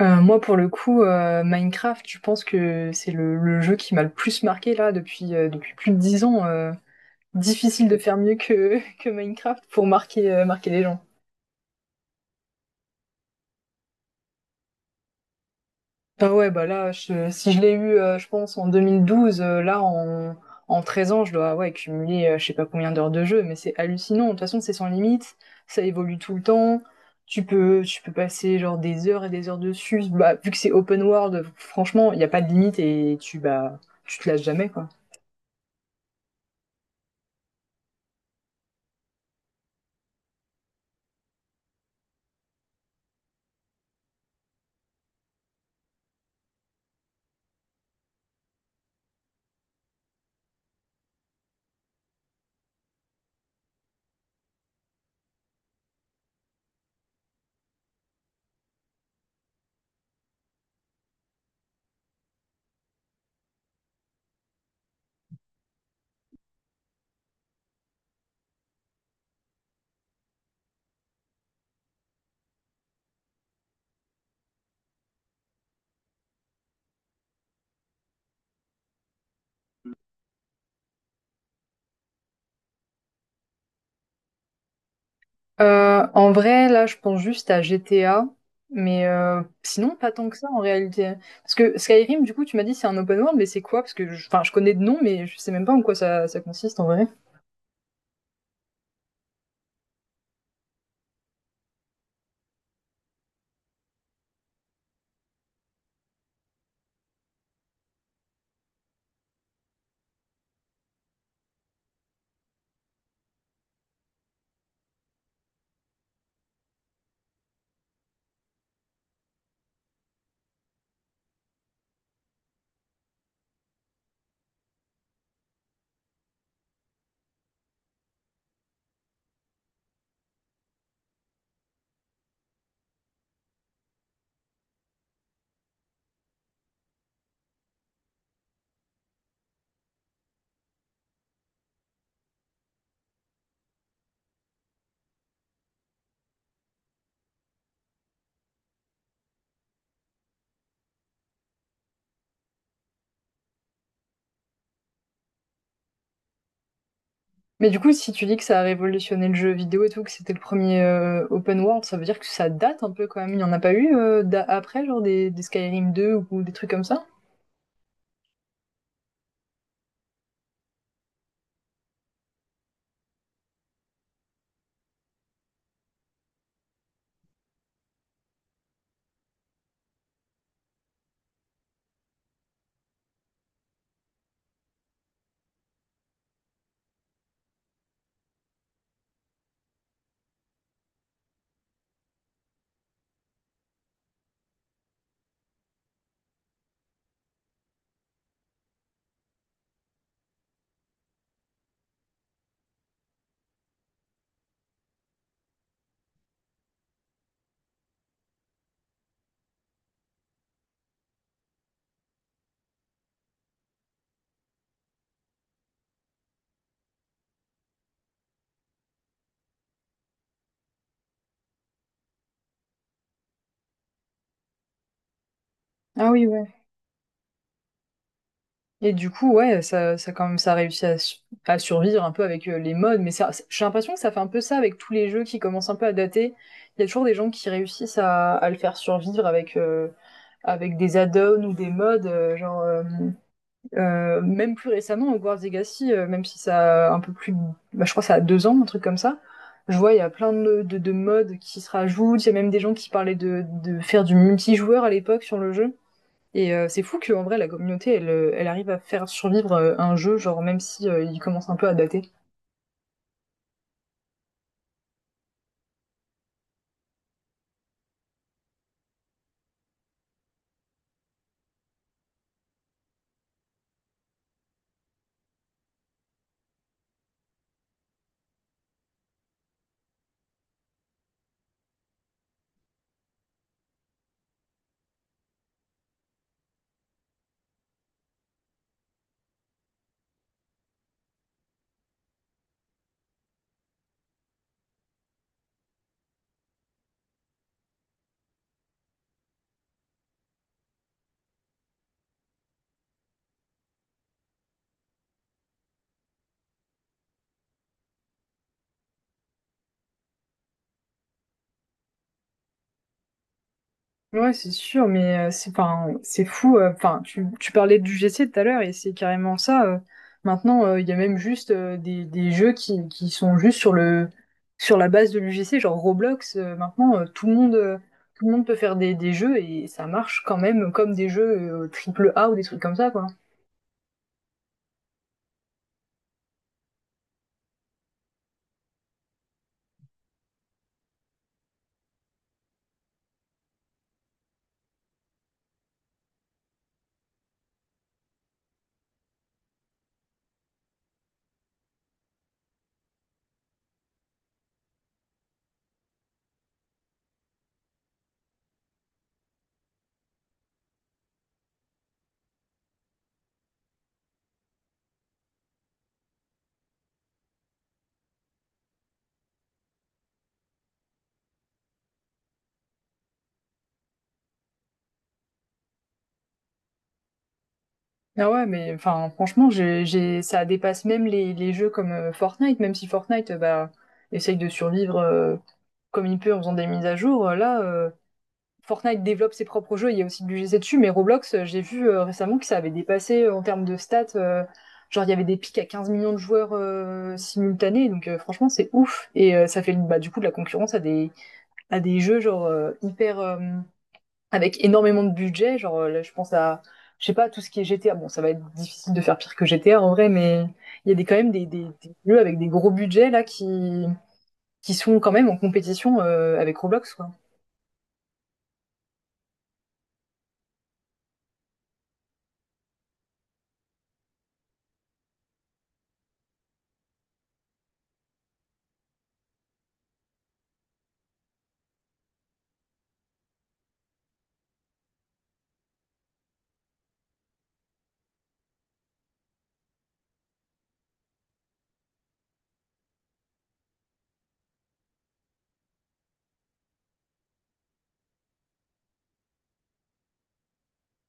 Moi, pour le coup, Minecraft, je pense que c'est le jeu qui m'a le plus marqué là depuis, depuis plus de dix ans. Difficile de faire mieux que, que Minecraft pour marquer, marquer les gens. Ah ouais, bah là, si je l'ai eu, je pense, en 2012, là, en 13 ans, je dois ouais, cumuler je sais pas combien d'heures de jeu, mais c'est hallucinant. De toute façon, c'est sans limite, ça évolue tout le temps. Tu peux passer genre des heures et des heures dessus. Bah, vu que c'est open world, franchement, il n'y a pas de limite et tu, bah, tu te lasses jamais, quoi. En vrai, là, je pense juste à GTA, mais sinon pas tant que ça en réalité. Parce que Skyrim, du coup, tu m'as dit c'est un open world, mais c'est quoi? Parce que, enfin, je connais de nom, mais je sais même pas en quoi ça, ça consiste en vrai. Mais du coup, si tu dis que ça a révolutionné le jeu vidéo et tout, que c'était le premier open world, ça veut dire que ça date un peu quand même. Il n'y en a pas eu après, genre des Skyrim 2 ou des trucs comme ça? Ah oui, ouais. Et du coup, ouais, ça quand même, ça a réussi à, à survivre un peu avec les modes, mais ça, j'ai l'impression que ça fait un peu ça avec tous les jeux qui commencent un peu à dater. Il y a toujours des gens qui réussissent à le faire survivre avec, avec des add-ons ou des modes, même plus récemment, Hogwarts Legacy, même si ça a un peu plus, bah, je crois que ça a 2 ans, un truc comme ça. Je vois, il y a plein de modes qui se rajoutent. Il y a même des gens qui parlaient de faire du multijoueur à l'époque sur le jeu. Et c'est fou qu'en vrai, la communauté, elle, elle arrive à faire survivre un jeu, genre même si il commence un peu à dater. Ouais, c'est sûr, mais c'est 'fin, c'est fou. Enfin, tu parlais du G GC tout à l'heure et c'est carrément ça. Maintenant, il y a même juste des jeux qui sont juste sur le sur la base de l'UGC, genre Roblox. Maintenant, tout le monde peut faire des jeux et ça marche quand même comme des jeux triple A ou des trucs comme ça, quoi. Ah ouais, mais enfin, franchement, ça dépasse même les jeux comme Fortnite, même si Fortnite, bah, essaye de survivre comme il peut en faisant des mises à jour. Là, Fortnite développe ses propres jeux, il y a aussi du GC dessus, mais Roblox, j'ai vu récemment que ça avait dépassé en termes de stats. Il y avait des pics à 15 millions de joueurs simultanés, donc franchement, c'est ouf. Et ça fait bah, du coup de la concurrence à à des jeux genre hyper, avec énormément de budget. Genre, là, je pense à, je sais pas, tout ce qui est GTA. Bon, ça va être difficile de faire pire que GTA en vrai, mais il y a quand même des jeux avec des gros budgets là qui sont quand même en compétition avec Roblox, quoi.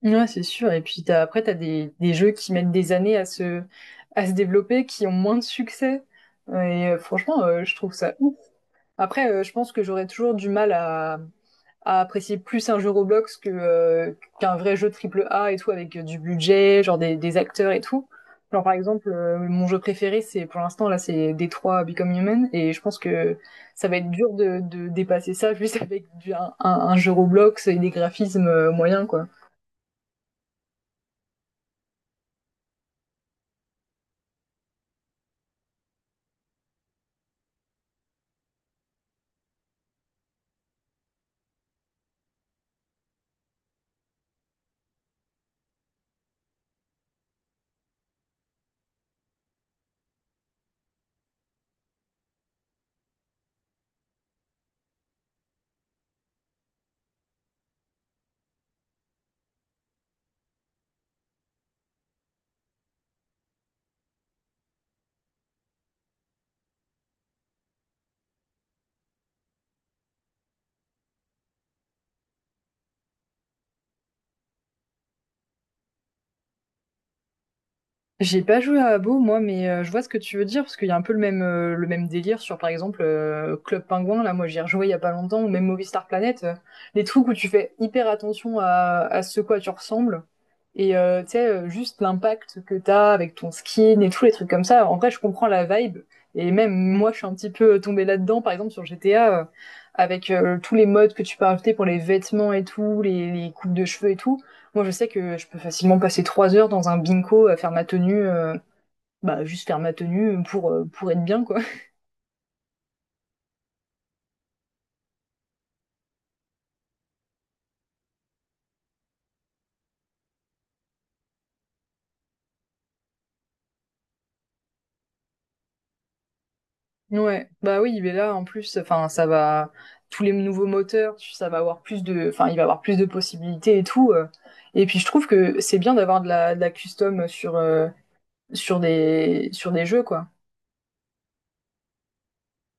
Ouais, c'est sûr. Et puis t'as, après, t'as des jeux qui mettent des années à se développer, qui ont moins de succès. Et franchement, je trouve ça ouf. Après, je pense que j'aurais toujours du mal à apprécier plus un jeu Roblox que qu'un vrai jeu triple A et tout avec du budget, genre des acteurs et tout. Genre par exemple, mon jeu préféré, c'est pour l'instant là, c'est Détroit Become Human, et je pense que ça va être dur de dépasser ça juste avec du, un jeu Roblox et des graphismes moyens quoi. J'ai pas joué à Abo moi, mais je vois ce que tu veux dire parce qu'il y a un peu le même délire sur par exemple Club Penguin Là, moi, j'y ai rejoué il y a pas longtemps ou même Movistar Planet. Les trucs où tu fais hyper attention à ce quoi tu ressembles. Et tu sais, juste l'impact que t'as avec ton skin et tous les trucs comme ça. En vrai, je comprends la vibe. Et même moi, je suis un petit peu tombée là-dedans, par exemple sur GTA, avec tous les modes que tu peux rajouter pour les vêtements et tout, les coupes de cheveux et tout. Moi, je sais que je peux facilement passer 3 heures dans un bingo à faire ma tenue, bah juste faire ma tenue pour être bien quoi. Ouais, bah oui, mais là en plus, enfin, ça va tous les nouveaux moteurs, ça va avoir plus de, enfin, il va avoir plus de possibilités et tout. Et puis je trouve que c'est bien d'avoir de la custom sur sur des jeux quoi.